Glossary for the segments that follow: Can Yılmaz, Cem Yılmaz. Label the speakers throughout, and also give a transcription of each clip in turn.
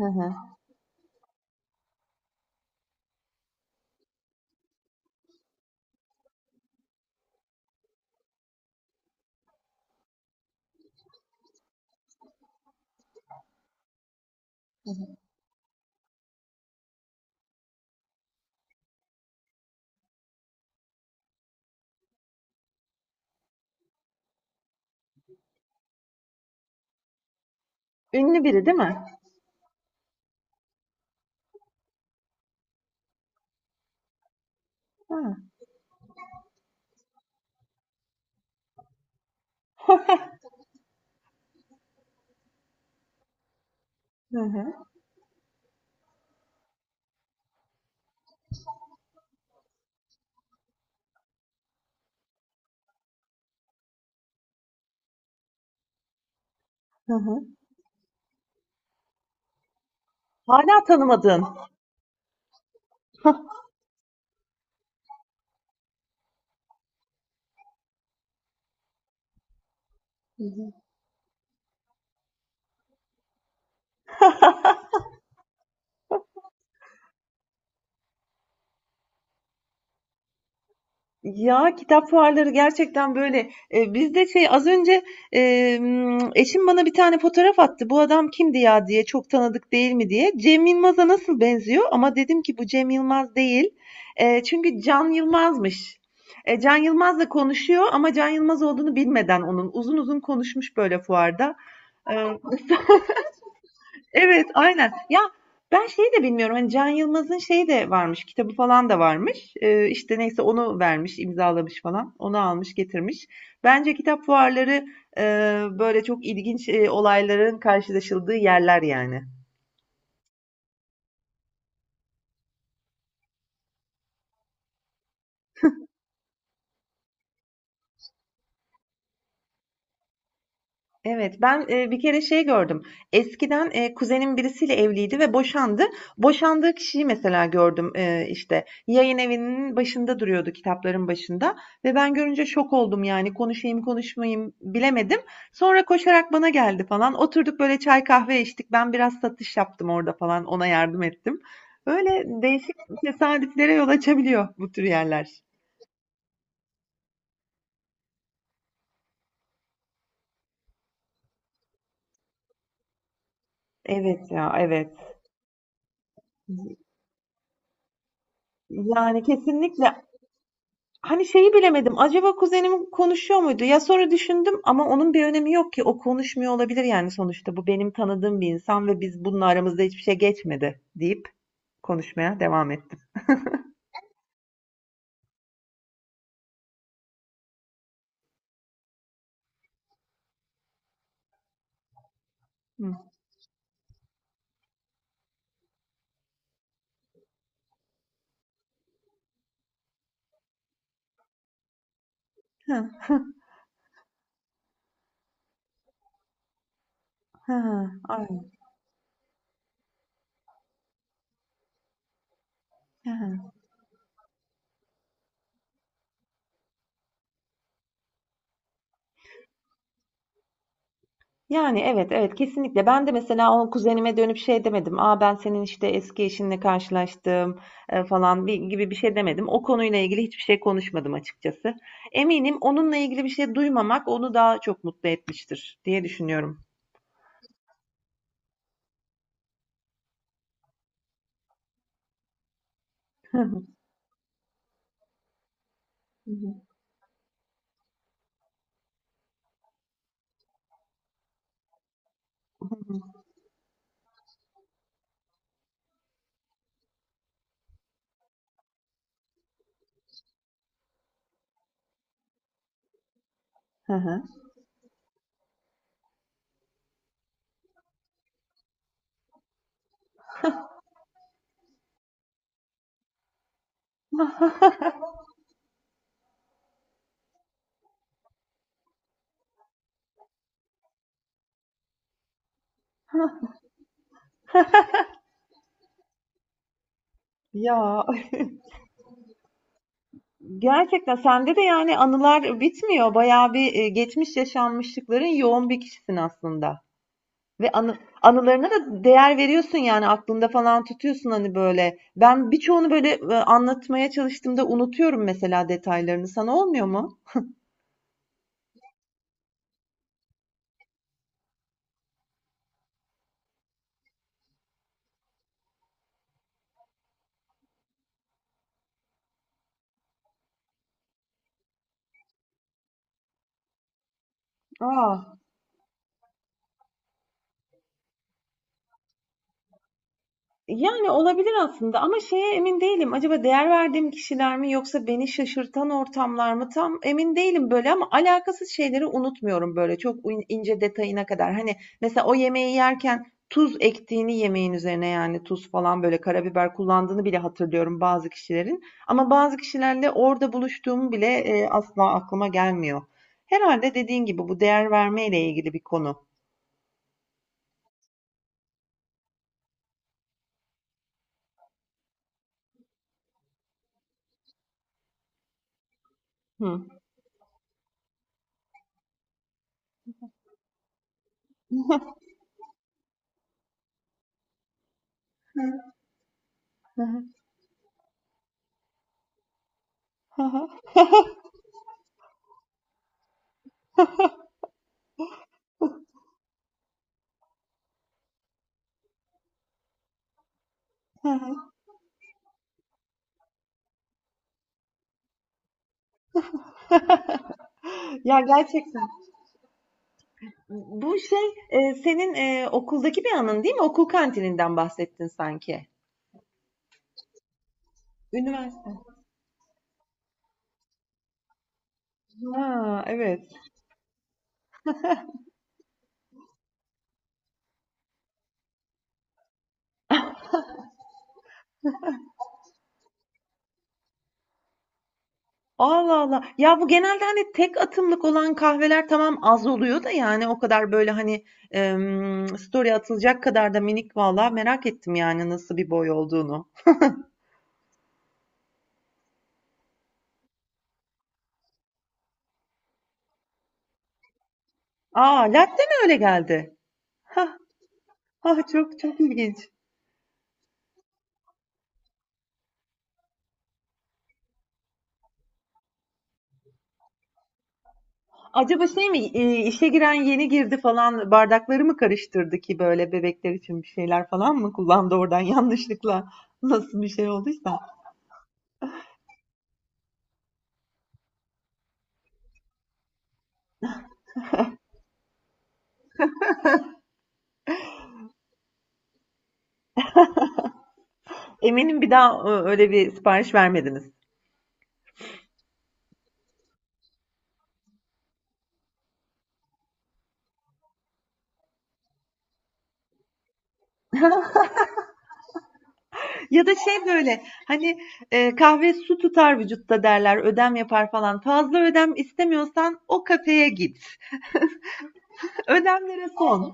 Speaker 1: Hı hı. Ünlü biri değil mi? Ha. Hı hı. Hı hı. Hala tanımadığın. Ya kitap fuarları gerçekten böyle. Biz de şey az önce e, eşim bana bir tane fotoğraf attı. Bu adam kimdi ya diye, çok tanıdık değil mi diye. Cem Yılmaz'a nasıl benziyor? Ama dedim ki bu Cem Yılmaz değil. Çünkü Can Yılmaz'mış. Can Yılmaz'la konuşuyor ama Can Yılmaz olduğunu bilmeden onun uzun uzun konuşmuş böyle fuarda. E, Evet, aynen. Ya ben şeyi de bilmiyorum. Hani Can Yılmaz'ın şeyi de varmış. Kitabı falan da varmış. İşte neyse onu vermiş, imzalamış falan. Onu almış, getirmiş. Bence kitap fuarları e, böyle çok ilginç olayların karşılaşıldığı yerler yani. Evet, ben, bir kere şey gördüm. Eskiden, kuzenim birisiyle evliydi ve boşandı. Boşandığı kişiyi mesela gördüm, işte, yayın evinin başında duruyordu, kitapların başında ve ben görünce şok oldum, yani, konuşayım, konuşmayayım bilemedim. Sonra koşarak bana geldi falan. Oturduk, böyle, çay kahve içtik. Ben biraz satış yaptım orada falan, ona yardım ettim. Öyle değişik tesadüflere yol açabiliyor bu tür yerler. Evet ya, evet. Yani, kesinlikle. Hani şeyi bilemedim. Acaba kuzenim konuşuyor muydu? Ya sonra düşündüm ama onun bir önemi yok ki. O konuşmuyor olabilir yani sonuçta. Bu benim tanıdığım bir insan ve biz bunun aramızda hiçbir şey geçmedi deyip konuşmaya devam ettim. Hı. Hı, hı, ay, hı. Yani evet evet, kesinlikle. Ben de mesela o kuzenime dönüp şey demedim. Aa ben senin işte eski eşinle karşılaştım falan bir, gibi bir şey demedim. O konuyla ilgili hiçbir şey konuşmadım açıkçası. Eminim onunla ilgili bir şey duymamak onu daha çok mutlu etmiştir diye düşünüyorum. Hı hı. Hı hı. Ya gerçekten sende de yani anılar bitmiyor. Bayağı bir geçmiş yaşanmışlıkların yoğun bir kişisin aslında. Ve anılarına da değer veriyorsun yani aklında falan tutuyorsun hani böyle. Ben birçoğunu böyle anlatmaya çalıştığımda unutuyorum mesela detaylarını. Sana olmuyor mu? Aa. Yani, olabilir aslında ama şeye emin değilim, acaba değer verdiğim kişiler mi yoksa beni şaşırtan ortamlar mı? Tam emin değilim, böyle, ama alakasız şeyleri unutmuyorum, böyle, çok ince detayına kadar. Hani, mesela o yemeği yerken tuz ektiğini yemeğin üzerine, yani, tuz falan, böyle, karabiber kullandığını bile hatırlıyorum bazı kişilerin, ama bazı kişilerle orada buluştuğum bile, asla aklıma gelmiyor. Herhalde dediğin gibi bu değer vermeyle ilgili bir konu. Hı. Ya gerçekten. Bu şey, senin okuldaki bir anın değil mi? Okul kantininden bahsettin sanki. Üniversite. Ha, evet. Allah Allah. Ya bu genelde hani tek atımlık olan kahveler tamam az oluyor da yani o kadar böyle hani story atılacak kadar da minik, valla merak ettim yani nasıl bir boy olduğunu. Aa latte mi öyle geldi? Ha, ha çok çok ilginç. Acaba şey mi, işe giren yeni girdi falan bardakları mı karıştırdı ki böyle bebekler için bir şeyler falan mı kullandı oradan yanlışlıkla nasıl bir şey olduysa. Eminim bir daha öyle bir sipariş vermediniz. Ya da şey böyle hani, kahve su tutar vücutta derler, ödem yapar falan. Fazla ödem istemiyorsan o kafeye git. Ödemlere son.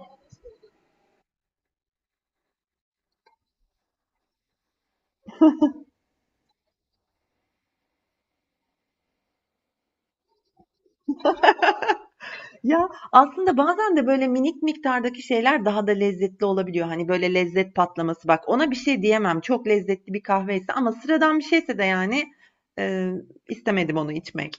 Speaker 1: Ya, aslında bazen de böyle minik miktardaki şeyler daha da lezzetli olabiliyor. Hani, böyle, lezzet patlaması. Bak, ona bir şey diyemem. Çok lezzetli bir kahveyse ama sıradan bir şeyse de, yani, eee, istemedim onu içmek.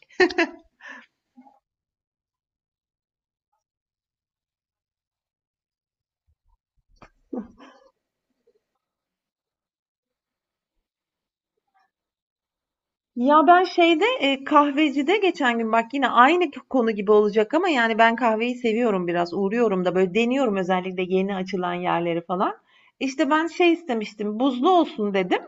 Speaker 1: Ya, ben şeyde, kahvecide geçen gün bak yine aynı konu gibi olacak ama, yani, ben kahveyi seviyorum biraz. Uğruyorum da, böyle, deniyorum özellikle yeni açılan yerleri falan. İşte, ben şey istemiştim, buzlu olsun dedim.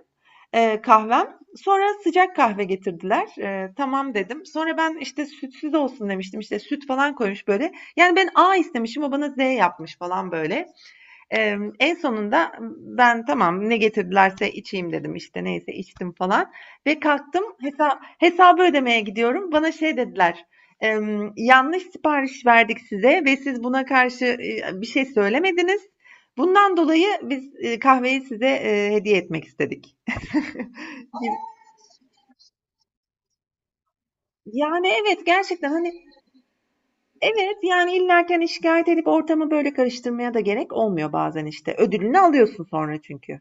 Speaker 1: Kahvem. Sonra sıcak kahve getirdiler. Tamam dedim. Sonra ben işte sütsüz olsun demiştim. İşte süt falan koymuş böyle. Yani ben A istemişim, o bana Z yapmış falan böyle. En sonunda ben tamam ne getirdilerse içeyim dedim, işte neyse içtim falan. Ve kalktım, hesabı ödemeye gidiyorum. Bana şey dediler. eee, Yanlış sipariş verdik size ve siz buna karşı bir şey söylemediniz. Bundan dolayı biz kahveyi size hediye etmek istedik. Yani evet gerçekten hani, evet yani illerken hani şikayet edip ortamı böyle karıştırmaya da gerek olmuyor bazen işte. Ödülünü alıyorsun sonra çünkü.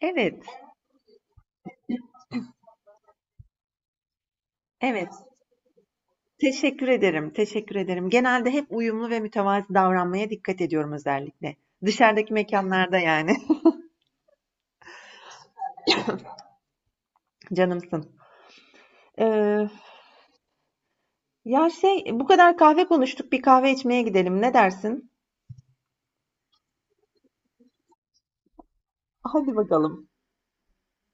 Speaker 1: Evet, evet. Teşekkür ederim, teşekkür ederim. Genelde hep uyumlu ve mütevazi davranmaya dikkat ediyorum özellikle. Dışarıdaki mekanlarda yani. Canımsın. Ee, ya şey bu kadar kahve konuştuk, bir kahve içmeye gidelim ne dersin? Hadi bakalım.